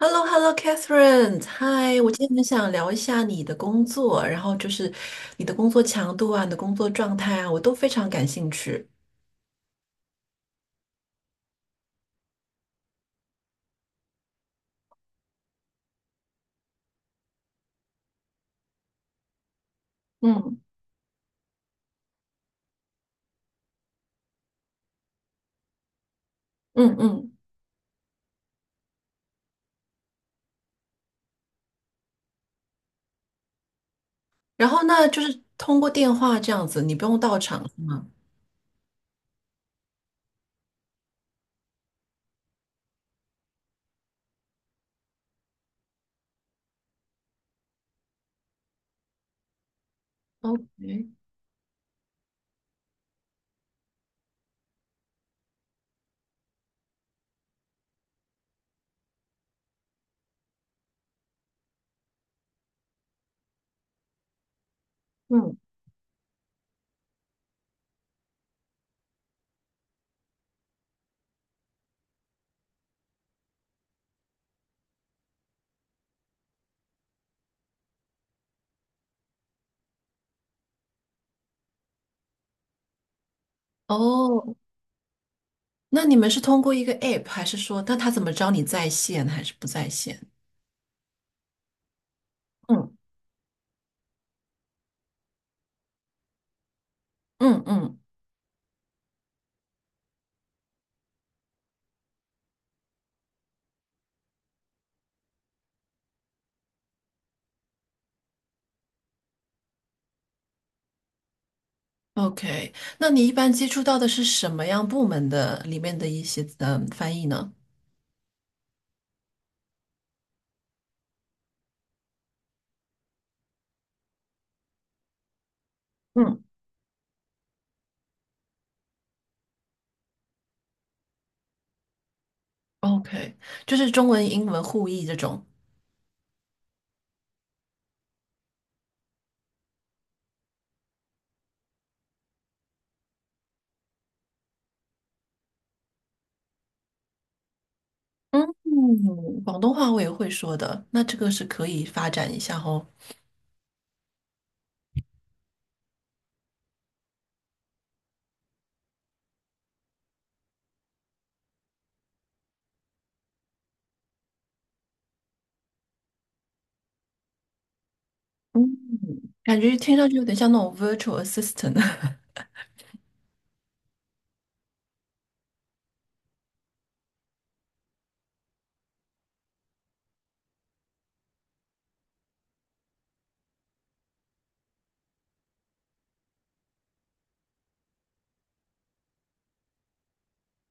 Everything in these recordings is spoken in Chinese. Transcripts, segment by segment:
Hello hello Catherine 嗨，我今天很想聊一下你的工作，然后就是你的工作强度啊，你的工作状态啊，我都非常感兴趣。嗯嗯嗯然后那就是通过电话这样子，你不用到场是吗？OK，嗯，哦，那你们是通过一个 App，还是说，那他怎么知道你在线还是不在线？嗯嗯嗯，OK，那你一般接触到的是什么样部门的里面的一些翻译呢？嗯。OK，就是中文、英文互译这种。嗯，广东话我也会说的，那这个是可以发展一下哦。嗯，感觉听上去有点像那种 virtual assistant。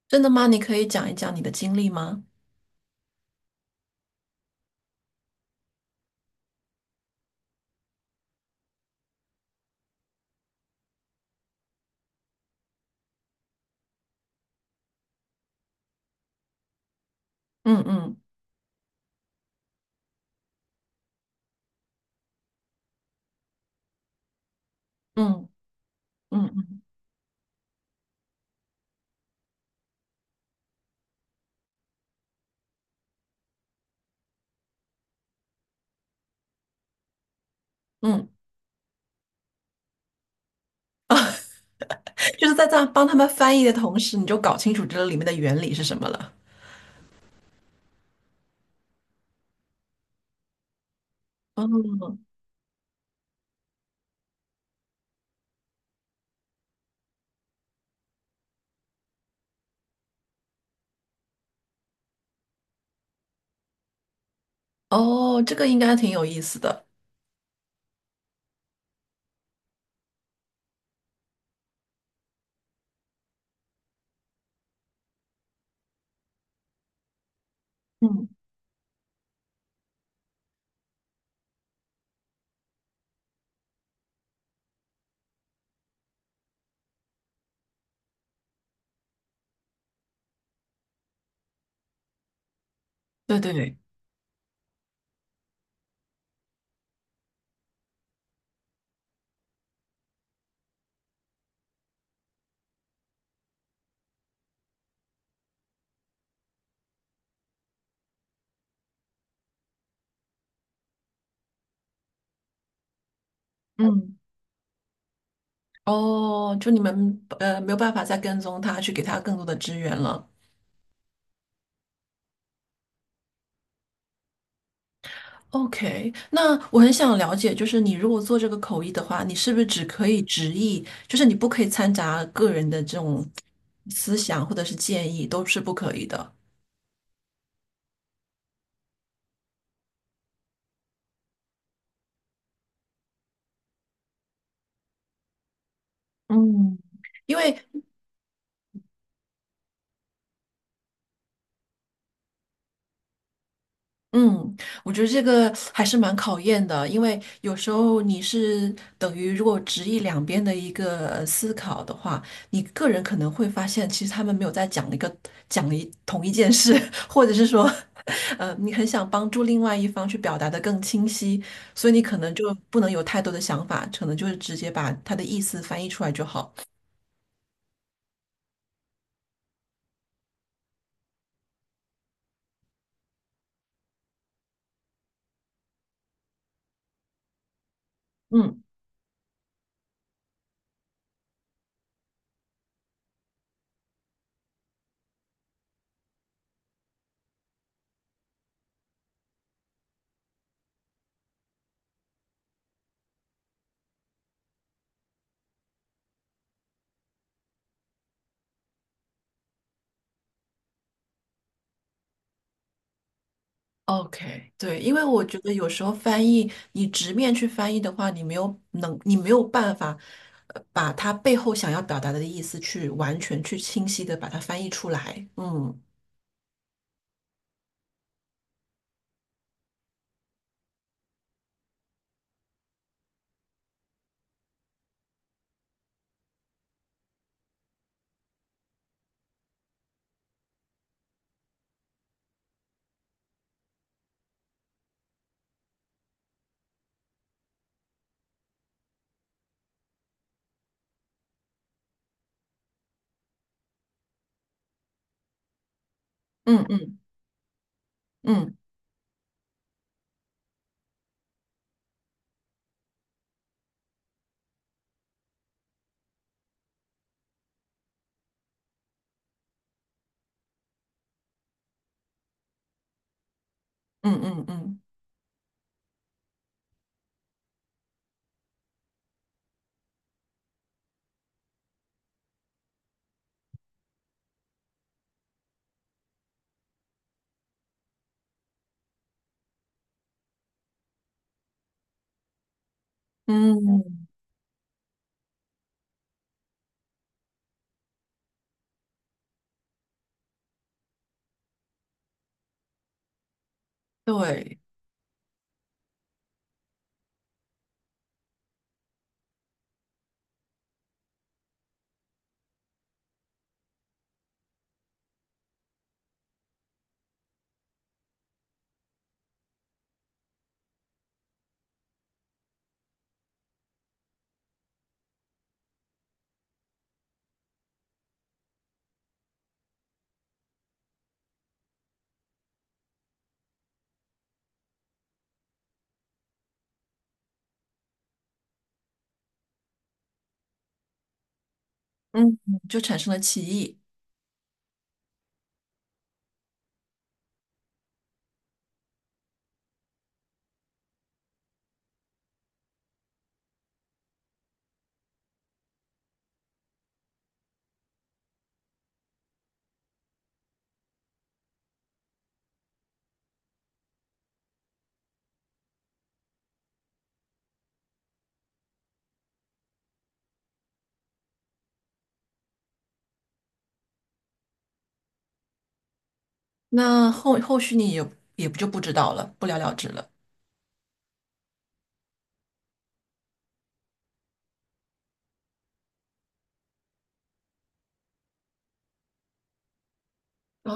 真的吗？你可以讲一讲你的经历吗？嗯嗯嗯嗯嗯嗯，就是在这样帮他们翻译的同时，你就搞清楚这个里面的原理是什么了。哦哦，这个应该挺有意思的。嗯，对对对，嗯，哦，就你们没有办法再跟踪他，去给他更多的支援了。OK，那我很想了解，就是你如果做这个口译的话，你是不是只可以直译？就是你不可以掺杂个人的这种思想或者是建议，都是不可以的。嗯，因为嗯，我觉得这个还是蛮考验的，因为有时候你是等于如果直译两边的一个思考的话，你个人可能会发现，其实他们没有在讲一个讲一同一件事，或者是说，你很想帮助另外一方去表达的更清晰，所以你可能就不能有太多的想法，可能就是直接把他的意思翻译出来就好。嗯。OK，对，因为我觉得有时候翻译，你直面去翻译的话，你没有能，你没有办法，把它背后想要表达的意思去完全去清晰的把它翻译出来。嗯嗯嗯嗯嗯嗯嗯嗯，嗯对，嗯，就产生了歧义。那后续你也不就不知道了，不了了之了。哦，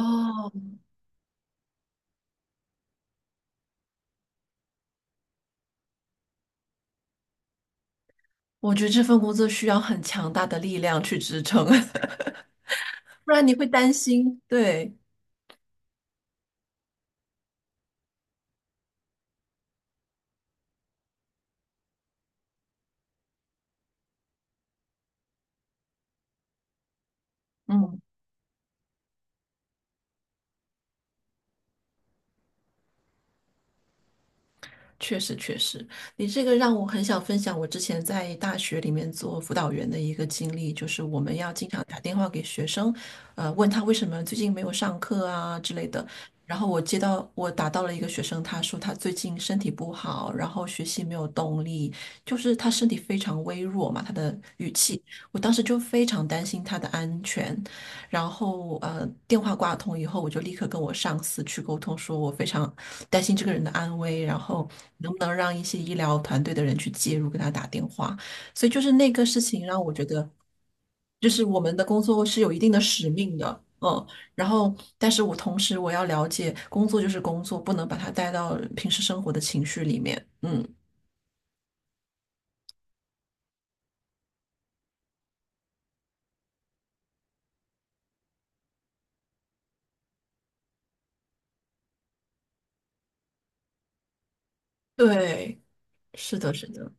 我觉得这份工作需要很强大的力量去支撑，不然你会担心。对，嗯。确实，确实，你这个让我很想分享我之前在大学里面做辅导员的一个经历，就是我们要经常打电话给学生，问他为什么最近没有上课啊之类的。然后我打到了一个学生，他说他最近身体不好，然后学习没有动力，就是他身体非常微弱嘛，他的语气，我当时就非常担心他的安全，然后电话挂通以后，我就立刻跟我上司去沟通，说我非常担心这个人的安危，然后能不能让一些医疗团队的人去介入，给他打电话。所以就是那个事情让我觉得，就是我们的工作是有一定的使命的，嗯。然后，但是我同时我要了解，工作就是工作，不能把它带到平时生活的情绪里面，嗯，对，是的，是的。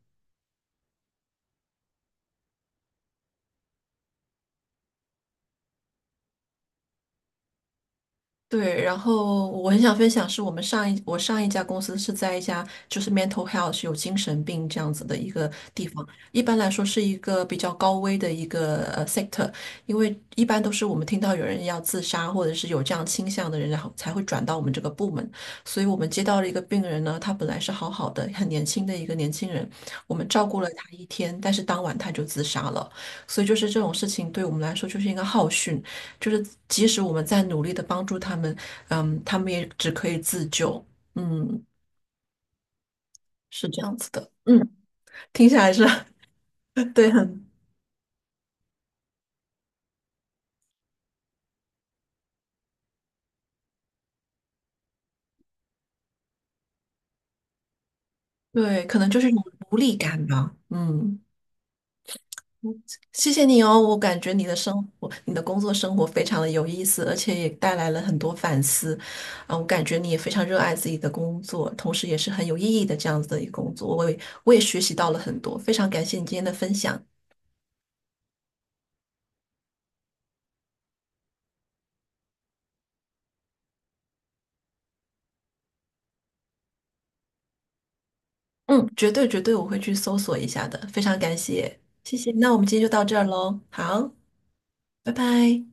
对，然后我很想分享是我们我上一家公司是在一家就是 mental health 有精神病这样子的一个地方，一般来说是一个比较高危的一个sector，因为一般都是我们听到有人要自杀或者是有这样倾向的人，然后才会转到我们这个部门，所以我们接到了一个病人呢，他本来是好好的，很年轻的一个年轻人，我们照顾了他一天，但是当晚他就自杀了。所以就是这种事情对我们来说就是一个浩训，就是即使我们在努力的帮助他们，嗯，他们也只可以自救，嗯，是这样子的，嗯，听起来是 对，很对，可能就是一种无力感吧，嗯，谢谢你哦，我感觉你的生活，你的工作生活非常的有意思，而且也带来了很多反思，啊，我感觉你也非常热爱自己的工作，同时也是很有意义的这样子的一个工作，我也学习到了很多，非常感谢你今天的分享。嗯，绝对绝对我会去搜索一下的，非常感谢，谢谢。那我们今天就到这儿喽，好，拜拜。